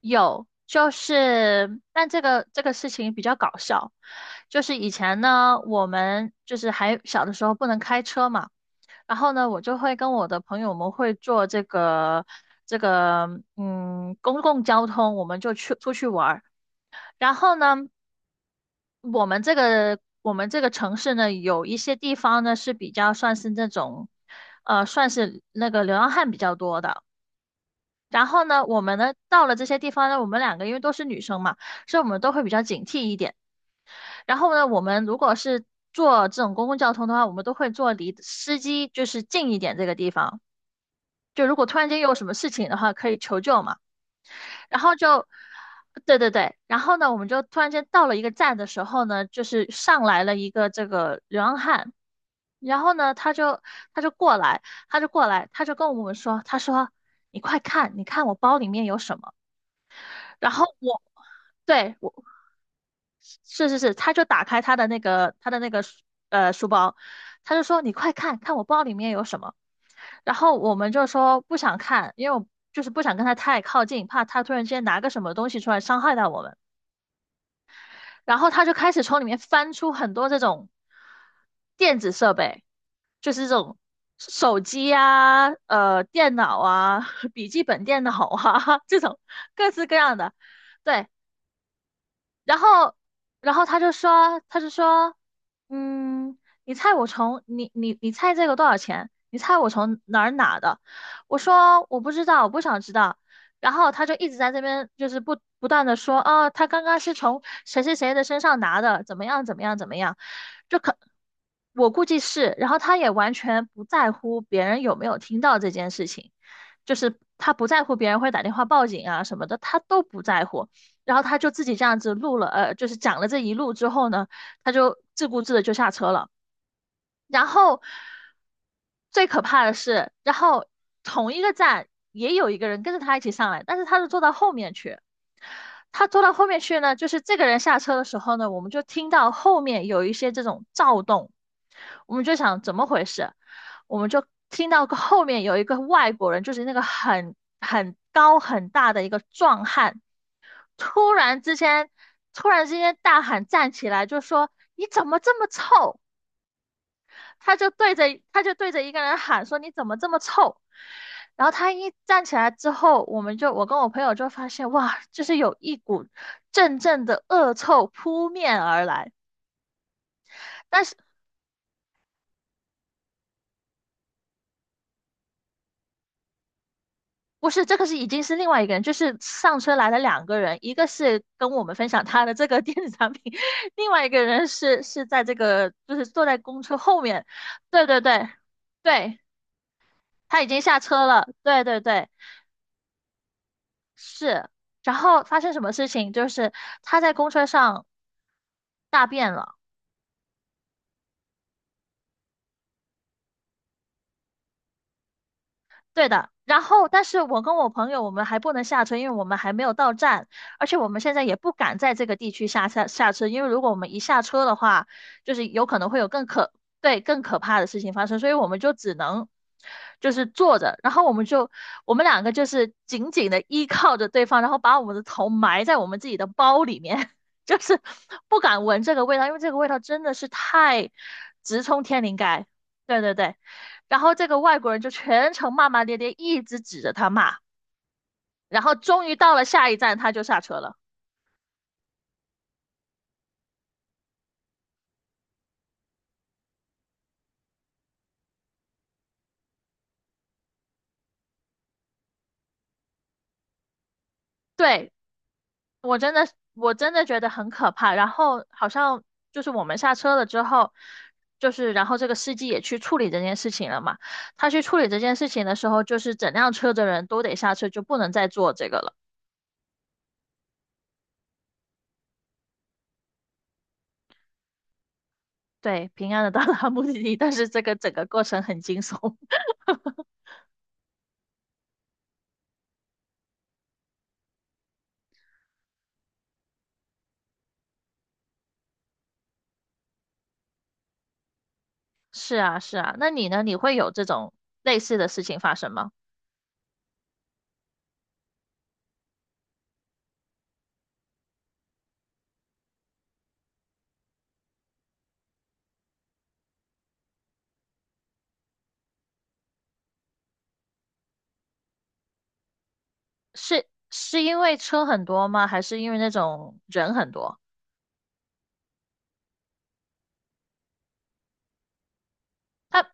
有，就是，但这个事情比较搞笑。就是以前呢，我们就是还小的时候不能开车嘛。然后呢，我就会跟我的朋友们会坐这个公共交通，我们就去出去玩儿。然后呢，我们这个城市呢，有一些地方呢是比较算是那个流浪汉比较多的。然后呢，我们呢到了这些地方呢，我们两个因为都是女生嘛，所以我们都会比较警惕一点。然后呢，我们如果是坐这种公共交通的话，我们都会坐离司机就是近一点这个地方。就如果突然间有什么事情的话，可以求救嘛。然后就，对对对，然后呢，我们就突然间到了一个站的时候呢，就是上来了一个这个流浪汉。然后呢，他就过来，他就过来，他就跟我们说，他说你快看，你看我包里面有什么。然后我，对，是是是，他就打开他的那个书包，他就说你快看看我包里面有什么。然后我们就说不想看，因为我就是不想跟他太靠近，怕他突然之间拿个什么东西出来伤害到我们。然后他就开始从里面翻出很多这种电子设备，就是这种手机啊、电脑啊、笔记本电脑啊 这种各式各样的。对，然后，然后他就说，嗯，你猜我从你你你猜这个多少钱？你猜我从哪儿拿的？我说我不知道，我不想知道。然后他就一直在这边就是不断的说，哦，他刚刚是从谁谁谁的身上拿的，怎么样怎么样怎么样。就可我估计是。然后他也完全不在乎别人有没有听到这件事情，就是他不在乎别人会打电话报警啊什么的，他都不在乎。然后他就自己这样子就是讲了这一路之后呢，他就自顾自的就下车了。然后最可怕的是，同一个站也有一个人跟着他一起上来，但是他是坐到后面去。他坐到后面去呢，就是这个人下车的时候呢，我们就听到后面有一些这种躁动，我们就想怎么回事。我们就听到后面有一个外国人，就是那个很高很大的一个壮汉。突然之间，突然之间大喊站起来，就说你怎么这么臭？他就对着他就对着一个人喊说你怎么这么臭？然后他一站起来之后，我们就我跟我朋友就发现哇，就是有一股阵阵的恶臭扑面而来。但是不是这个是已经是另外一个人，就是上车来了两个人，一个是跟我们分享他的这个电子产品，另外一个人是在这个就是坐在公车后面。对对对对。他已经下车了，对对对，是。然后发生什么事情？就是他在公车上大便了。对的，然后但是我跟我朋友我们还不能下车，因为我们还没有到站，而且我们现在也不敢在这个地区下车，因为如果我们一下车的话，就是有可能会有对，更可怕的事情发生。所以我们就只能就是坐着，然后我们两个就是紧紧的依靠着对方，然后把我们的头埋在我们自己的包里面。就是不敢闻这个味道，因为这个味道真的是太直冲天灵盖。对对对。然后这个外国人就全程骂骂咧咧，一直指着他骂。然后终于到了下一站，他就下车了。对，我真的，我真的觉得很可怕。然后好像就是我们下车了之后，就是然后这个司机也去处理这件事情了嘛。他去处理这件事情的时候，就是整辆车的人都得下车，就不能再坐这个了。对，平安的到达目的地，但是这个整个过程很惊悚。是啊，是啊，那你呢？你会有这种类似的事情发生吗？是因为车很多吗？还是因为那种人很多？他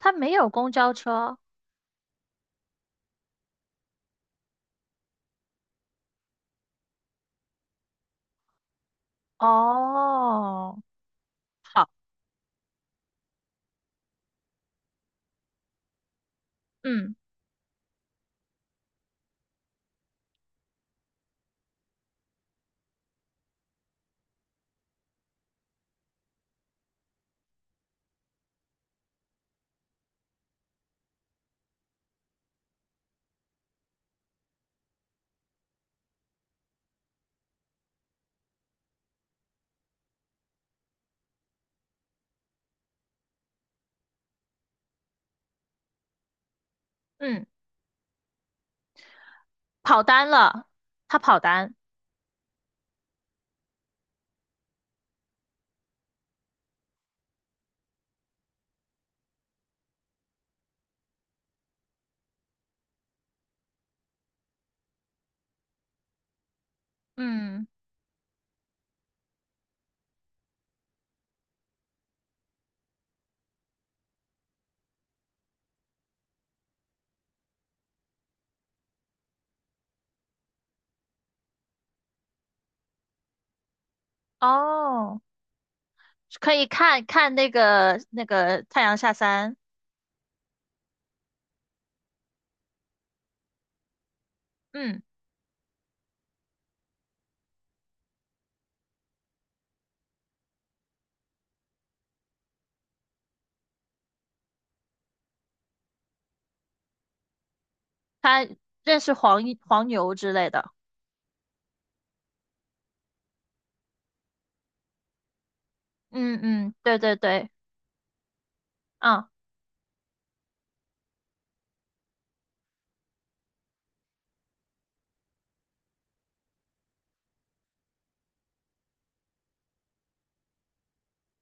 他没有公交车哦。好。嗯嗯。跑单了，他跑单。嗯哦，可以看看那个太阳下山。嗯，他认识黄牛之类的。嗯嗯，对对对。啊、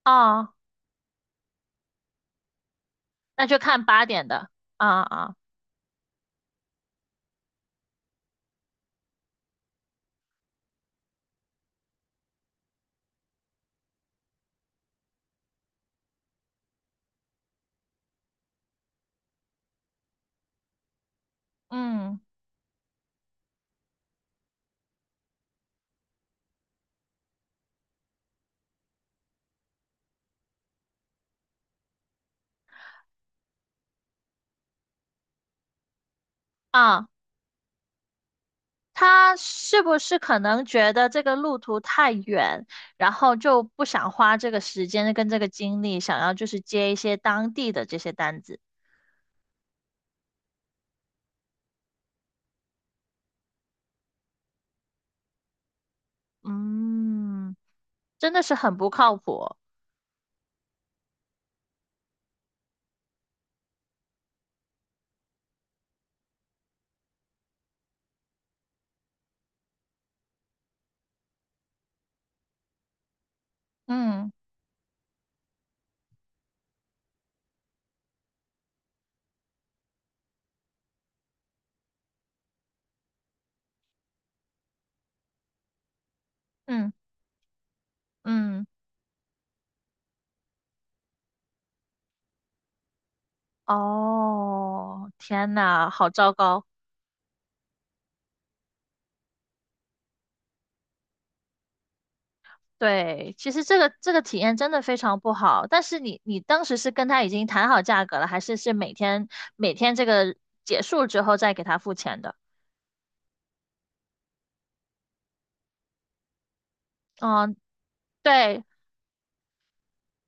啊，那就看八点的。啊啊，嗯啊。他是不是可能觉得这个路途太远，然后就不想花这个时间跟这个精力，想要就是接一些当地的这些单子？嗯，真的是很不靠谱。嗯嗯嗯，哦，天呐，好糟糕。对，其实这个体验真的非常不好。但是你当时是跟他已经谈好价格了，还是每天这个结束之后再给他付钱的？嗯，对，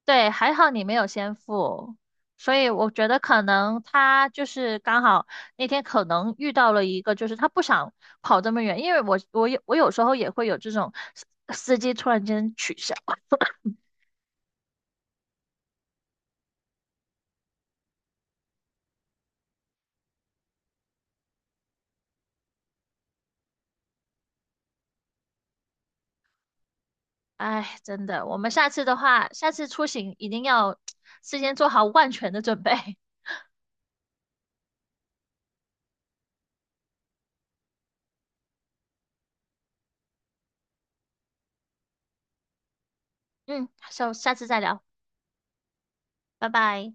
对，还好你没有先付。所以我觉得可能他就是刚好那天可能遇到了一个，就是他不想跑这么远，因为我有时候也会有这种司机突然间取消。哎，真的，我们下次的话，下次出行一定要 事先做好万全的准备。嗯，下次再聊，拜拜。